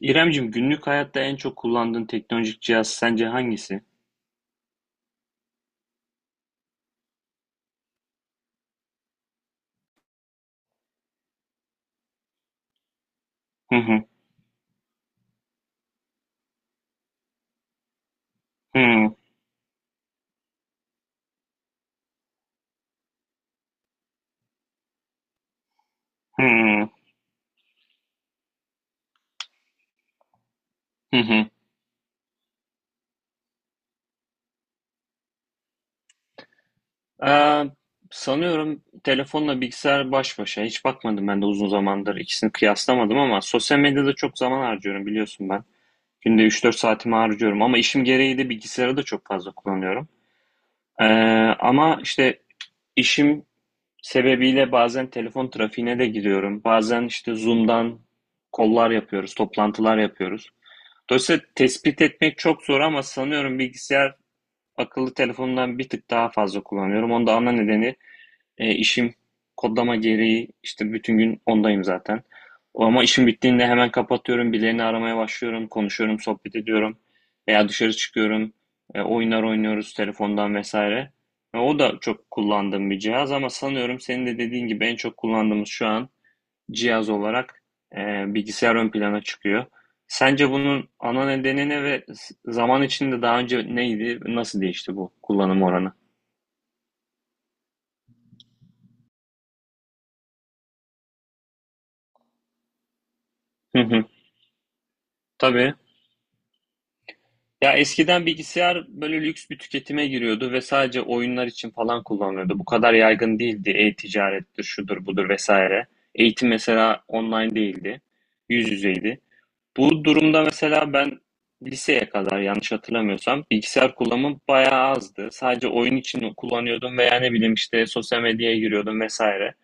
İremcim, günlük hayatta en çok kullandığın teknolojik cihaz sence hangisi? Hı hı, hı hı, hı hı. Aa, sanıyorum telefonla bilgisayar baş başa. Hiç bakmadım ben de uzun zamandır. İkisini kıyaslamadım ama sosyal medyada çok zaman harcıyorum biliyorsun ben. Günde 3-4 saatimi harcıyorum ama işim gereği de bilgisayarı da çok fazla kullanıyorum. Ee, ama işte işim sebebiyle bazen telefon trafiğine de giriyorum. Bazen işte Zoom'dan kollar yapıyoruz, toplantılar yapıyoruz. Dolayısıyla tespit etmek çok zor ama sanıyorum bilgisayar akıllı telefonundan bir tık daha fazla kullanıyorum. Onun da ana nedeni işim kodlama gereği işte bütün gün ondayım zaten. Ama işim bittiğinde hemen kapatıyorum, birilerini aramaya başlıyorum, konuşuyorum, sohbet ediyorum veya dışarı çıkıyorum, oyunlar oynuyoruz telefondan vesaire. O da çok kullandığım bir cihaz ama sanıyorum senin de dediğin gibi en çok kullandığımız şu an cihaz olarak e, bilgisayar ön plana çıkıyor. Sence bunun ana nedeni ne ve zaman içinde daha önce neydi, nasıl değişti bu kullanım oranı? Hı hı. Tabii. Ya eskiden bilgisayar böyle lüks bir tüketime giriyordu ve sadece oyunlar için falan kullanılıyordu. Bu kadar yaygın değildi. E-ticarettir, şudur budur vesaire. Eğitim mesela online değildi. Yüz yüzeydi. Bu durumda mesela ben liseye kadar yanlış hatırlamıyorsam bilgisayar kullanımım bayağı azdı. Sadece oyun için kullanıyordum veya ne bileyim işte sosyal medyaya giriyordum vesaire.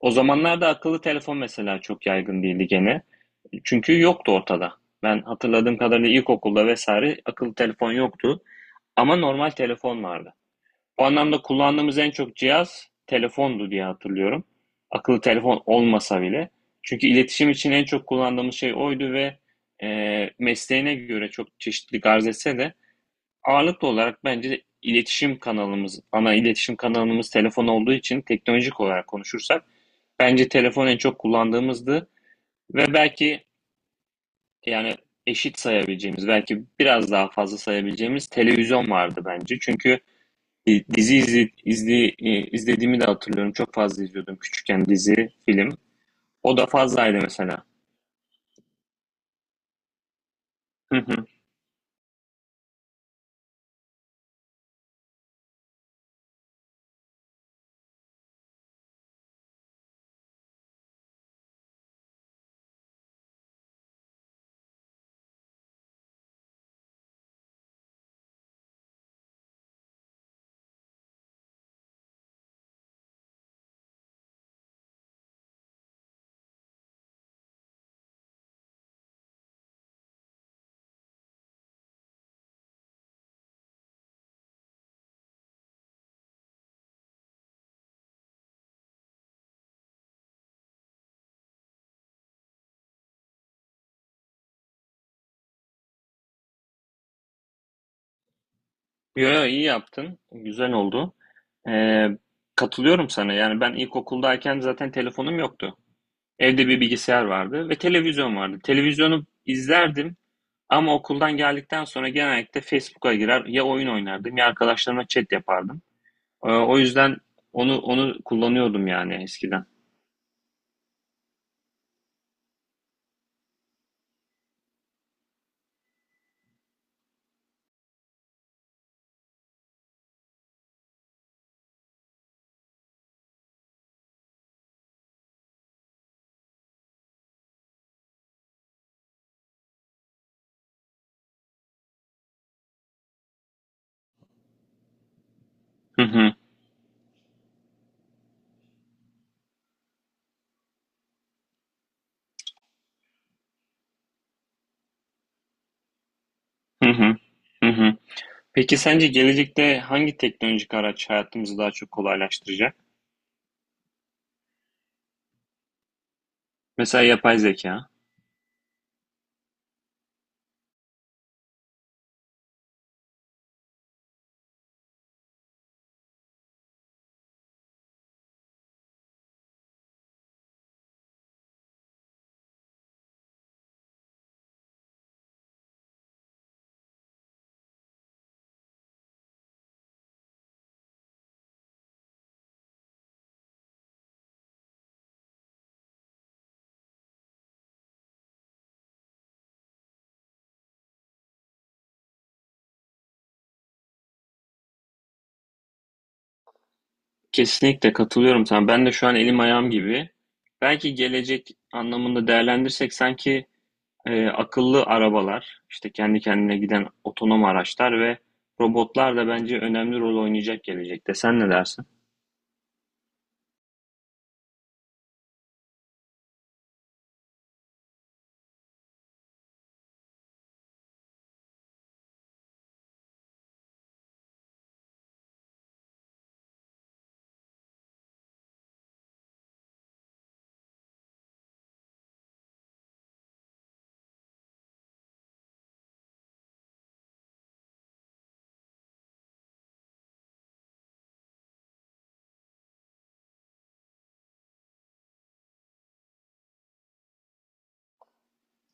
O zamanlarda akıllı telefon mesela çok yaygın değildi gene. Çünkü yoktu ortada. Ben hatırladığım kadarıyla ilkokulda vesaire akıllı telefon yoktu. Ama normal telefon vardı. O anlamda kullandığımız en çok cihaz telefondu diye hatırlıyorum. Akıllı telefon olmasa bile. Çünkü iletişim için en çok kullandığımız şey oydu ve mesleğine göre çok çeşitli arz etse de ağırlıklı olarak bence iletişim kanalımız, ana iletişim kanalımız telefon olduğu için teknolojik olarak konuşursak bence telefon en çok kullandığımızdı ve belki yani eşit sayabileceğimiz, belki biraz daha fazla sayabileceğimiz televizyon vardı bence. Çünkü Dizi izlediğimi de hatırlıyorum. Çok fazla izliyordum küçükken dizi, film. O da fazlaydı mesela. Hı hı. Yo, yo, iyi yaptın. Güzel oldu. Ee, katılıyorum sana. Yani ben ilkokuldayken zaten telefonum yoktu. Evde bir bilgisayar vardı ve televizyon vardı. Televizyonu izlerdim ama okuldan geldikten sonra genellikle Facebook'a girer ya oyun oynardım ya arkadaşlarımla chat yapardım. O yüzden onu kullanıyordum yani eskiden. Hı hı. Hı hı. Hı hı. Peki sence gelecekte hangi teknolojik araç hayatımızı daha çok kolaylaştıracak? Mesela yapay zeka. Kesinlikle katılıyorum sana. Ben de şu an elim ayağım gibi. Belki gelecek anlamında değerlendirsek sanki akıllı arabalar, işte kendi kendine giden otonom araçlar ve robotlar da bence önemli rol oynayacak gelecekte. Sen ne dersin?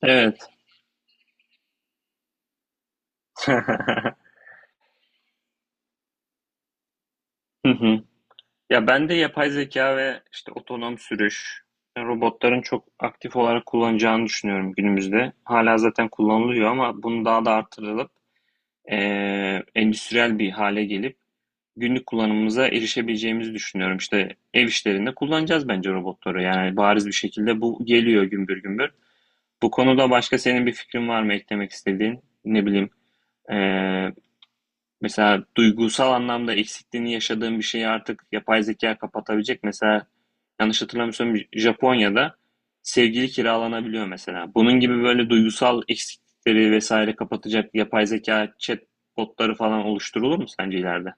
Evet. Ya ben de yapay zeka ve işte otonom sürüş, robotların çok aktif olarak kullanacağını düşünüyorum günümüzde. Hala zaten kullanılıyor ama bunu daha da artırılıp endüstriyel bir hale gelip günlük kullanımımıza erişebileceğimizi düşünüyorum. İşte ev işlerinde kullanacağız bence robotları. Yani bariz bir şekilde bu geliyor gümbür gümbür. Bu konuda başka senin bir fikrin var mı eklemek istediğin? Ne bileyim, eee, mesela duygusal anlamda eksikliğini yaşadığın bir şeyi artık yapay zeka kapatabilecek. Mesela yanlış hatırlamıyorsam Japonya'da sevgili kiralanabiliyor mesela. Bunun gibi böyle duygusal eksiklikleri vesaire kapatacak yapay zeka, chatbotları falan oluşturulur mu sence ileride?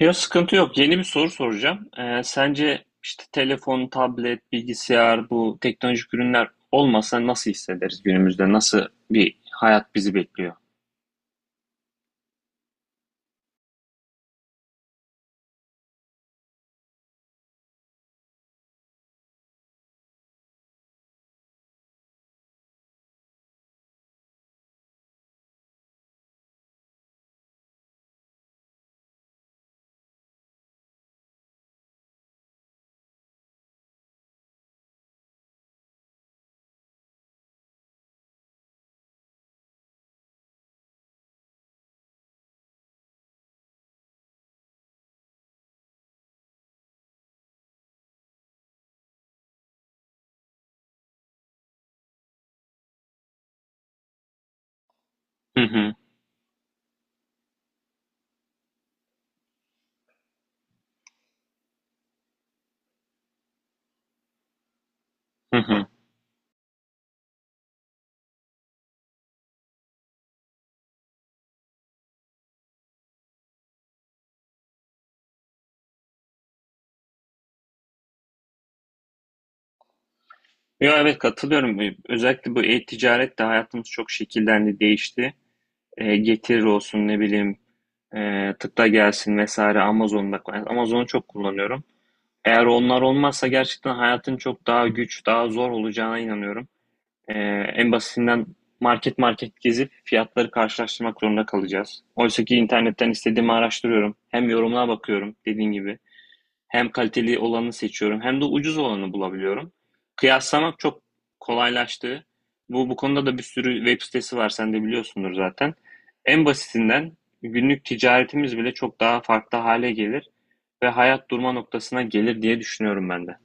Yok sıkıntı yok. Yeni bir soru soracağım. Sence işte telefon, tablet, bilgisayar bu teknolojik ürünler olmasa nasıl hissederiz günümüzde? Nasıl bir hayat bizi bekliyor? Hı hı. Hı hı. Ya evet katılıyorum. Özellikle bu e-ticaret de hayatımız çok şekillendi, değişti. Getir olsun ne bileyim tıkla gelsin vesaire Amazon'da. Amazon'u çok kullanıyorum. Eğer onlar olmazsa gerçekten hayatın çok daha güç, daha zor olacağına inanıyorum. E, en basitinden market market gezip fiyatları karşılaştırmak zorunda kalacağız. Oysa ki internetten istediğimi araştırıyorum. Hem yorumlara bakıyorum dediğin gibi. Hem kaliteli olanı seçiyorum hem de ucuz olanı bulabiliyorum. Kıyaslamak çok kolaylaştı. Bu, bu konuda da bir sürü web sitesi var. Sen de biliyorsundur zaten. En basitinden günlük ticaretimiz bile çok daha farklı hale gelir ve hayat durma noktasına gelir diye düşünüyorum ben de.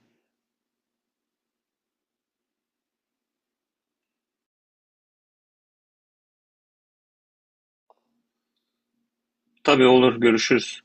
Tabii olur, görüşürüz.